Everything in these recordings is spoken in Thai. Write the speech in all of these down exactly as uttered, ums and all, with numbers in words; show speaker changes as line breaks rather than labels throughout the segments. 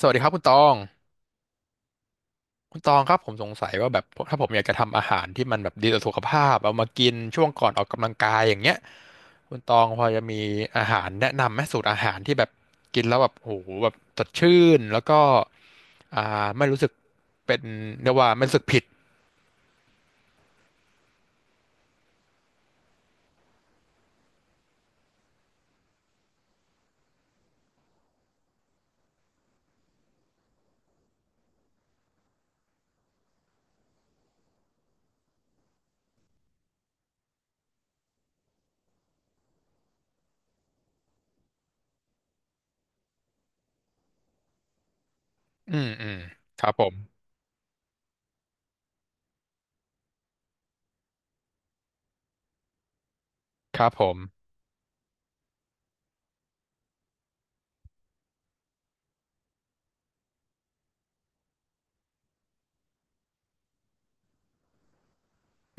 สวัสดีครับคุณตองคุณตองครับผมสงสัยว่าแบบถ้าผมอยากจะทำอาหารที่มันแบบดีต่อสุขภาพเอามากินช่วงก่อนออกกำลังกายอย่างเงี้ยคุณตองพอจะมีอาหารแนะนำไหมสูตรอาหารที่แบบกินแล้วแบบโอ้โหแบบสดชื่นแล้วก็อ่าไม่รู้สึกเป็นเรียกว่าไม่รู้สึกผิดอืมอืมครับผมครับผม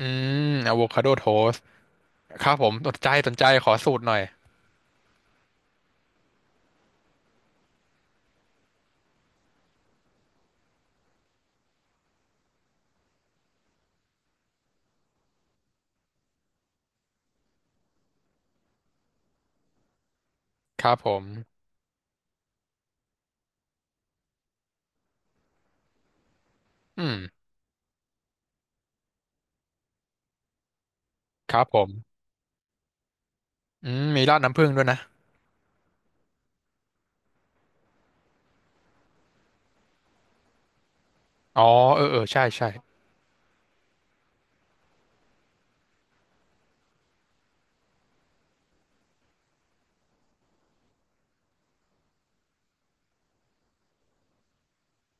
อืมอะโวคาโดโทสครับผมสนใจสนใจขอสูตรหน่อยครับผมอืมครับผมอืมมีราดน้ำผึ้งด้วยนะอ๋อเออเออใช่ใช่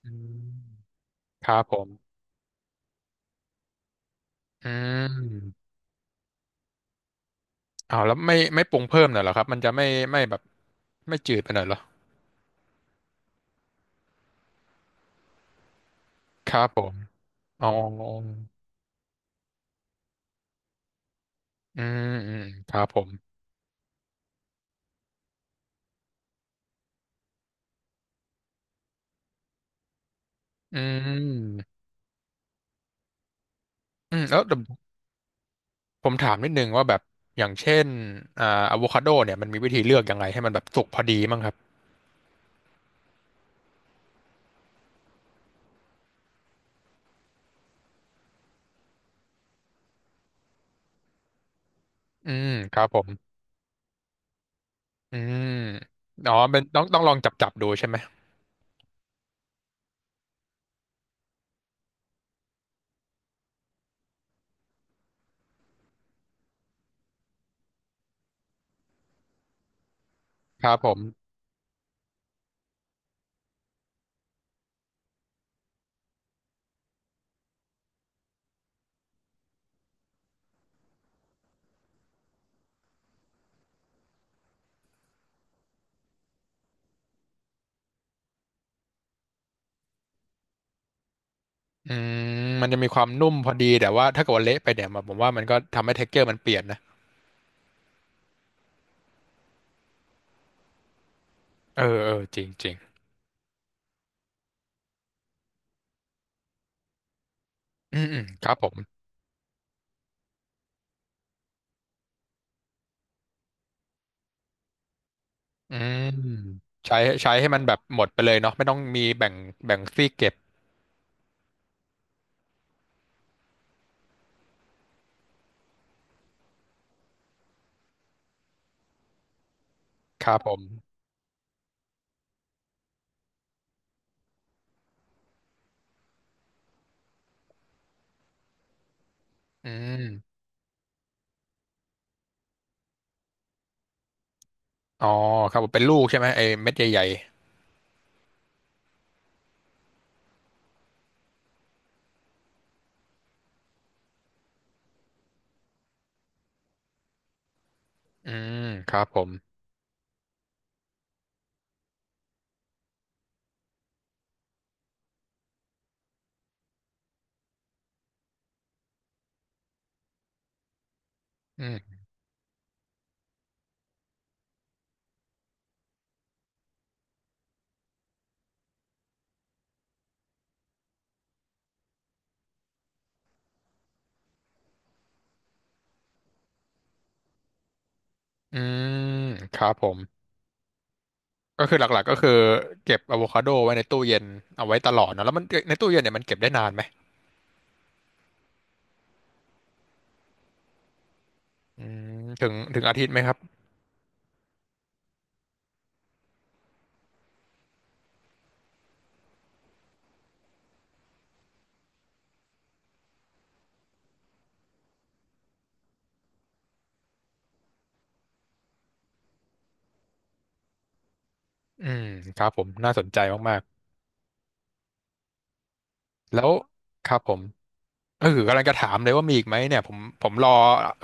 อืมครับผมอืมอ้าวแล้วไม่ไม่ปรุงเพิ่มหน่อยเหรอครับมันจะไม่ไม่แบบไม่จืดไปหน่อยเหรอครับผมอ๋ออืมอืมครับผมอืมอืมแล้วเดี๋ยวผมถามนิดนึงว่าแบบอย่างเช่นอ่าอะโวคาโดเนี่ยมันมีวิธีเลือกยังไงให้มันแบบสุกพอดีมั้งครับอืมครับผมอืมอ๋อเป็นต้องต้องลองจับจับดูใช่ไหมครับผมอืมมันจะมีความนุ่มพอดีแต่ว่าถ้าเกิดว่าเละไปเนี่ยผมว่ามันก็ทำให้เท็กเจอร์มันเปลี่ยนนะ เออเออจริงจริงอืมอืมครับผมอืมใช้ใช้ให้มันแบบหมดไปเลยเนาะไม่ต้องมีแบ่งแบ่งซี่เก็บครับผมอืมอ๋อครับผมเป็นลูกใช่ไหมไอ้เม็ดใหญ่ๆอืมครับผมอืมอืมครับผมก็คือหลักๆก็คือเก็บอะโวคาโดไว้ในตู้เย็นเอาไว้ตลอดเนาะแล้วมันในตู้เย็นเนี่ยมันเก็บได้นานไหมอืมถึงถึงอาทิตย์ไหมครับอืมครับผมน่าสนใจ มากๆแล้วครับผม เออกำลังจะถามเลยว่ามีอีกไหมเนี่ยผมผมรอ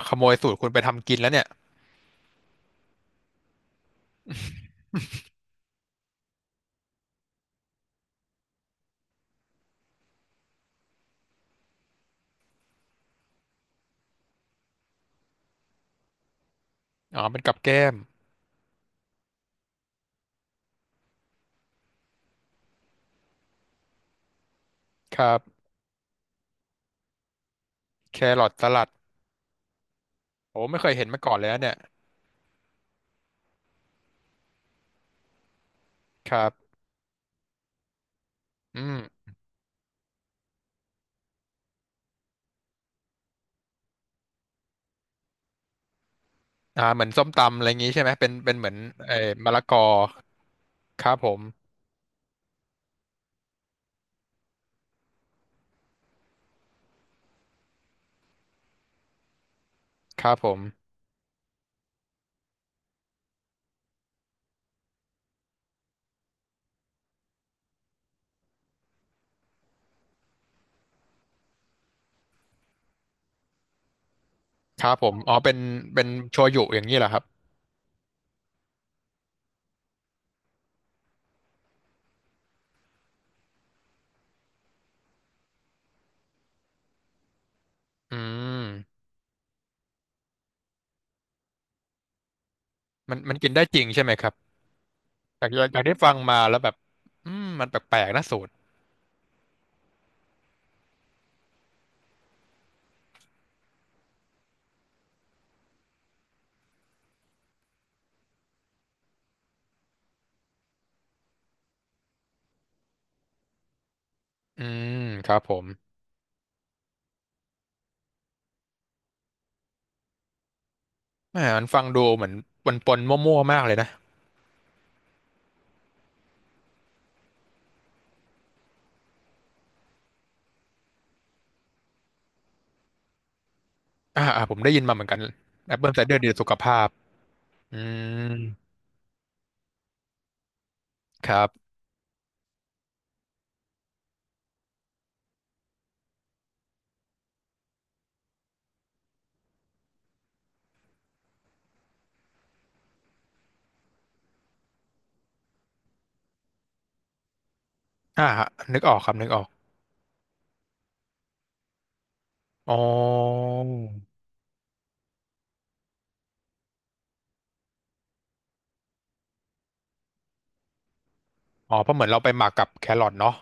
ขโมยสูตรคุณไปทำกินแล้วเนี่ยอ๋อเป็นกับแก้มครับแครอทสลัดโอ้ไม่เคยเห็นมาก่อนเลยนะเนี่ยครับอืมอ่าเหมือนส้มตำอะไรอย่างงี้ใช่ไหมเป็นเป็นเหมือนเอ่อมะละกอครับผมครับผมครับผมอ๋อเป็นเป็นโชยุอย่างนี้เหรอครับอืมมันมันกินได้จริงใช่ไหมครับจากจากที่ฟังมาแล้วแบบอืมมันแปลกๆนะสูตรอืมครับผมแหมมันฟังดูเหมือนปนๆมั่วๆมากเลยนะ อ่าอ่าผมได้ยินมาเหมือนกันแอปเปิลไซเดอร์ดีต่อสุขภาพอืมครับอ่าฮะนึกออกครับนึกออกอ๋ออ๋อเพราะเหมือนเราไปหมักกับแครอทเนาะ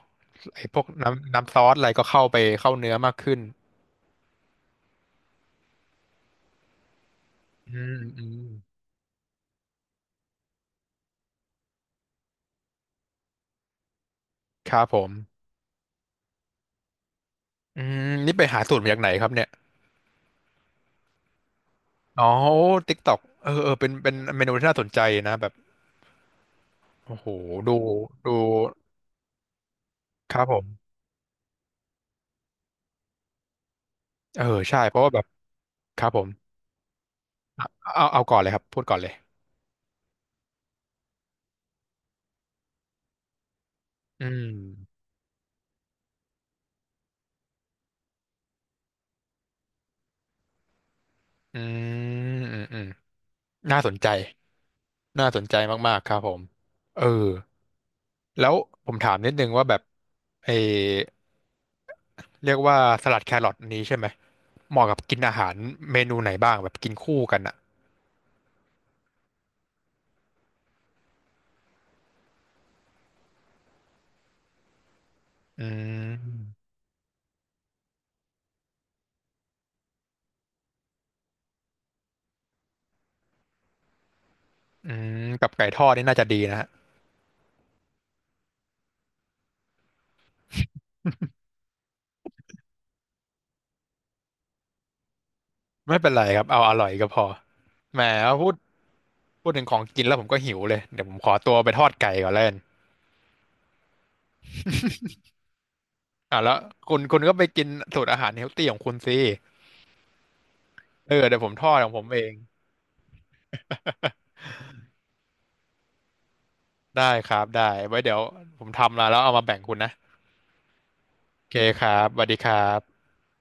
ไอ้พวกน้ำน้ำซอสอะไรก็เข้าไปเข้าเนื้อมากขึ้นอืมอืมครับผมอืมนี่ไปหาสูตรมาจากไหนครับเนี่ยอ๋อติ๊กต็อกเออเออเป็นเป็นเมนูที่น่าสนใจนะแบบโอ้โหดูดูครับผมเออใช่เพราะว่าแบบครับผมเอาเอาก่อนเลยครับพูดก่อนเลยอืมอืมอืมอืม น่าสนใจ น่าสนใจมากๆ ครับผมเออแล้วผมถามนิดนึงว่าแบบเออเรียกว่าสลัดแครอทอันนี้ใช่ไหมเหมาะกับกินอาหารเมนูไหนบ้างแบบกินคู่กันอ่ะอืมอืมกับไก่ทอดนี่น่าจะดีนะฮะไม่เป็นไรครับเอาอร่อยก็พอแหมพูด พูดถึงของกินแล้วผมก็หิวเลย เดี๋ยวผมขอตัวไปทอดไก่ก่อนแล้วกันอ่ะแล้วคุณคุณก็ไปกินสูตรอาหารเฮลตี้ของคุณสิเออเดี๋ยวผมทอดของผมเอง ได้ครับได้ไว้เดี๋ยวผมทำมาแล้วเอามาแบ่งคุณนะโอเคครับสวัสดีครับ